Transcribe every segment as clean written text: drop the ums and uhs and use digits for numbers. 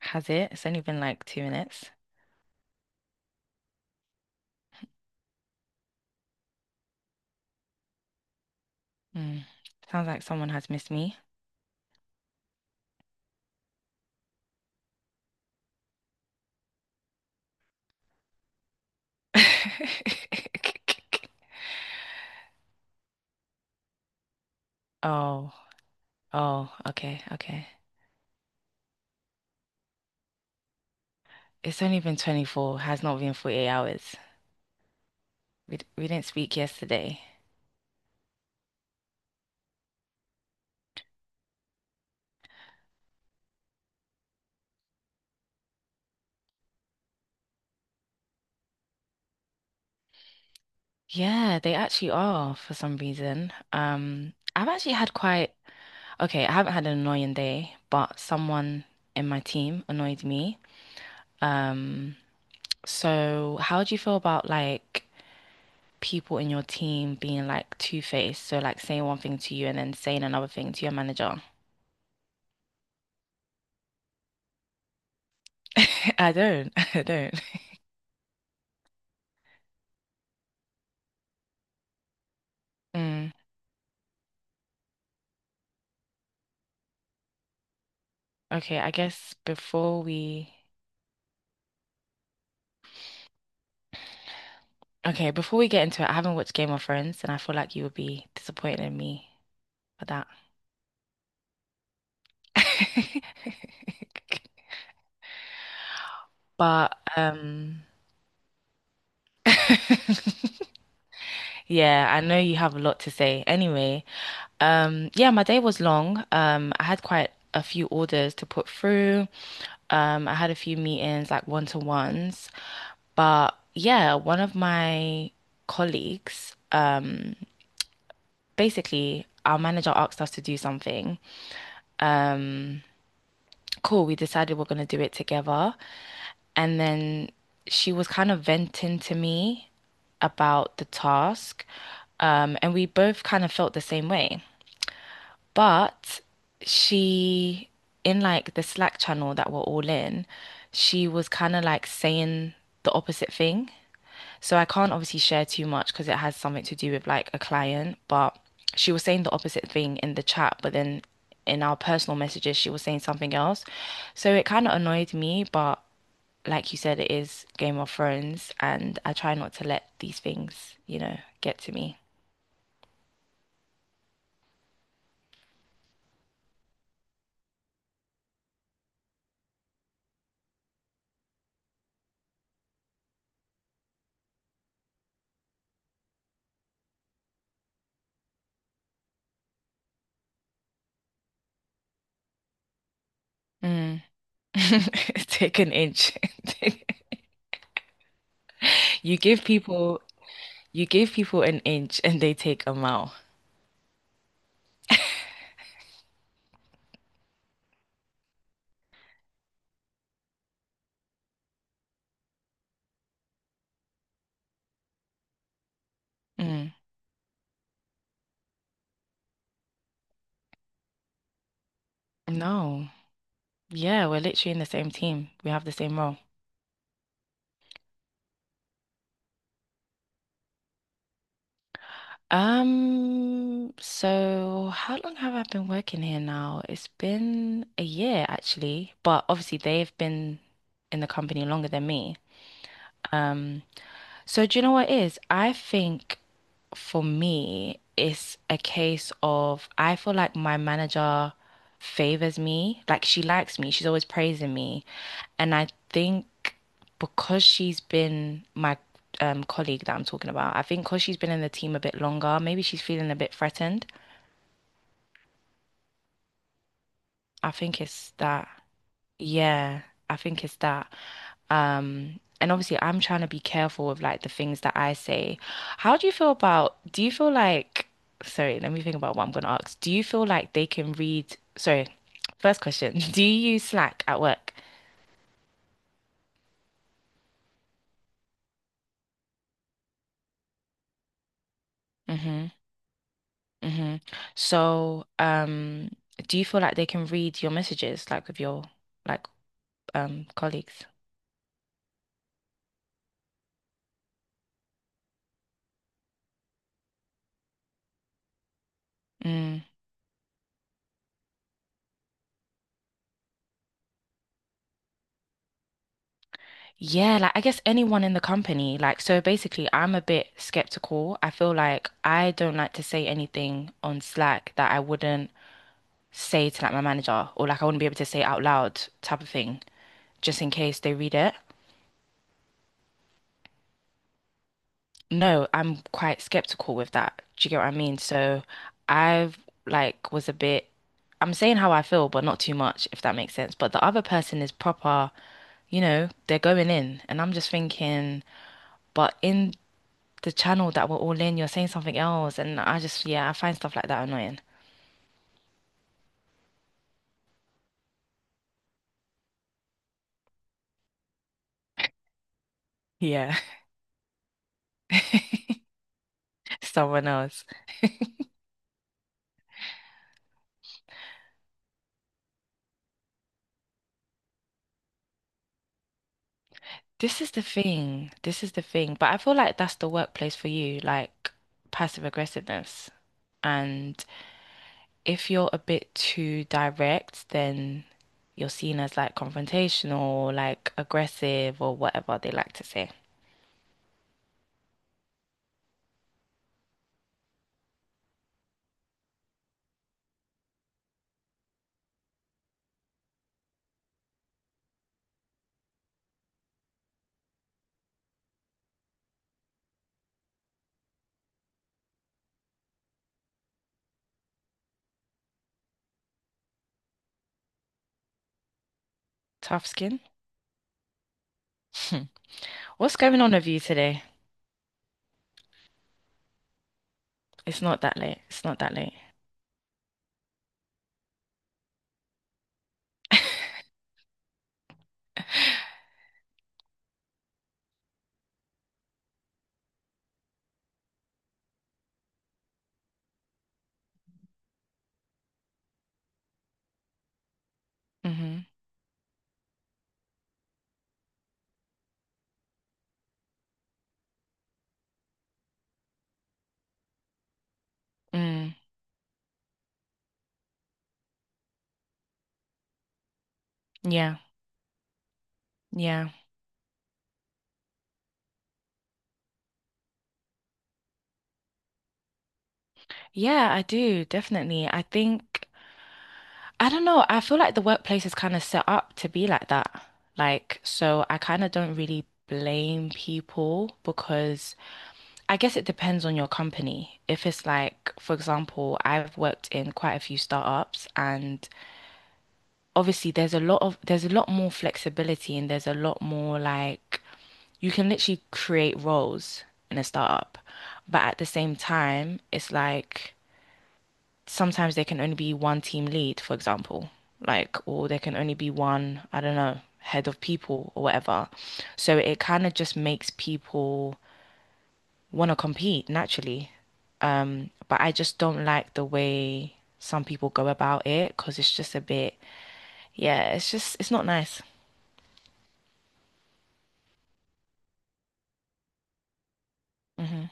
Has it? It's only been like 2 minutes. Mm. Sounds like someone has missed me. Oh, oh, okay, okay. It's only been 24, has not been 48 hours. We didn't speak yesterday. Yeah, they actually are for some reason. I've actually had okay, I haven't had an annoying day, but someone in my team annoyed me. Um, so how do you feel about like people in your team being like two-faced, so like saying one thing to you and then saying another thing to your manager? I don't. I don't. Mm, okay, I guess before we okay, before we get into it, I haven't watched Game of Thrones and I feel like you would be disappointed in me for that. But yeah, I know you have a lot to say. Anyway, yeah, my day was long. I had quite a few orders to put through. I had a few meetings, like one-to-ones, but yeah, one of my colleagues, basically our manager asked us to do something. Um, cool, we decided we're gonna do it together, and then she was kind of venting to me about the task, and we both kind of felt the same way. But she, in like the Slack channel that we're all in, she was kind of like saying the opposite thing. So I can't obviously share too much because it has something to do with like a client, but she was saying the opposite thing in the chat, but then in our personal messages, she was saying something else. So it kind of annoyed me, but like you said, it is Game of Thrones, and I try not to let these things, you know, get to me. Mm. Take an inch. You give people you give people an inch and they take a mile. Mm. No. Yeah, we're literally in the same team. We have the same role. So how long have I been working here now? It's been a year actually, but obviously they've been in the company longer than me. Um, so do you know what it is? I think for me, it's a case of I feel like my manager favors me. Like she likes me. She's always praising me. And I think because she's been my colleague that I'm talking about, I think because she's been in the team a bit longer, maybe she's feeling a bit threatened. I think it's that. Yeah, I think it's that. And obviously I'm trying to be careful with like the things that I say. How do you feel about, do you feel like, sorry, let me think about what I'm gonna ask. Do you feel like they can read, sorry, first question, do you use Slack at work? Mm-hmm. Mm-hmm. So, um, do you feel like they can read your messages like with your like colleagues? Yeah, like I guess anyone in the company. Like, so basically, I'm a bit skeptical. I feel like I don't like to say anything on Slack that I wouldn't say to like my manager or like I wouldn't be able to say out loud type of thing, just in case they read it. No, I'm quite skeptical with that. Do you get what I mean? So I've like was a bit, I'm saying how I feel, but not too much, if that makes sense. But the other person is proper, you know, they're going in, and I'm just thinking, but in the channel that we're all in, you're saying something else. And I just, yeah, I find stuff like that annoying. Yeah, someone else. This is the thing. But I feel like that's the workplace for you, like passive aggressiveness. And if you're a bit too direct, then you're seen as like confrontational, like aggressive, or whatever they like to say. Tough skin. Hmm. What's going on with you today? It's not that late. It's not that late. Mm-hmm. Mm. Yeah. Yeah. Yeah, I do, definitely. I don't know, I feel like the workplace is kind of set up to be like that. Like, so I kind of don't really blame people because I guess it depends on your company. If it's like, for example, I've worked in quite a few startups and obviously there's a lot more flexibility and there's a lot more like, you can literally create roles in a startup. But at the same time, it's like, sometimes there can only be one team lead, for example, like, or there can only be one, I don't know, head of people or whatever. So it kind of just makes people want to compete naturally. But I just don't like the way some people go about it because it's just yeah, it's not nice. Hmm.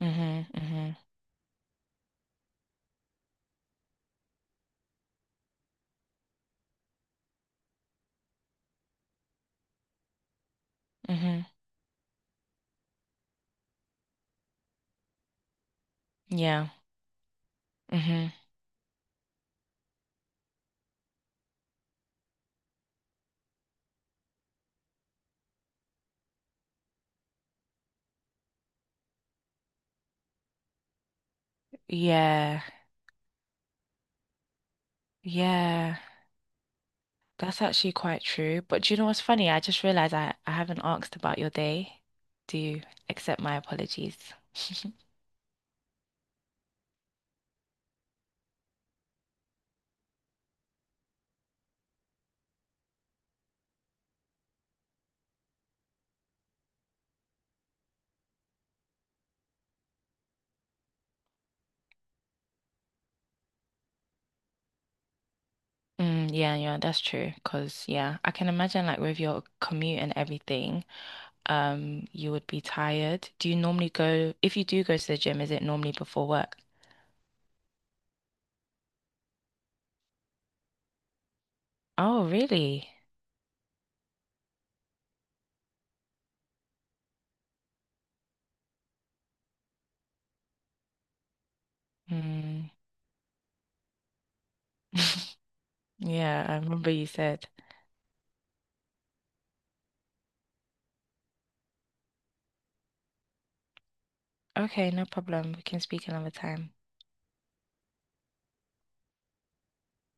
Hmm. Hmm. Hmm. Yeah. Hmm. Yeah. Yeah. That's actually quite true. But do you know what's funny? I just realized I haven't asked about your day. Do you accept my apologies? Mm, yeah, yeah, that's true. Because, yeah, I can imagine like with your commute and everything, you would be tired. Do you normally go, if you do go to the gym, is it normally before work? Oh, really? Mm. Yeah, I remember you said. Okay, no problem. We can speak another time.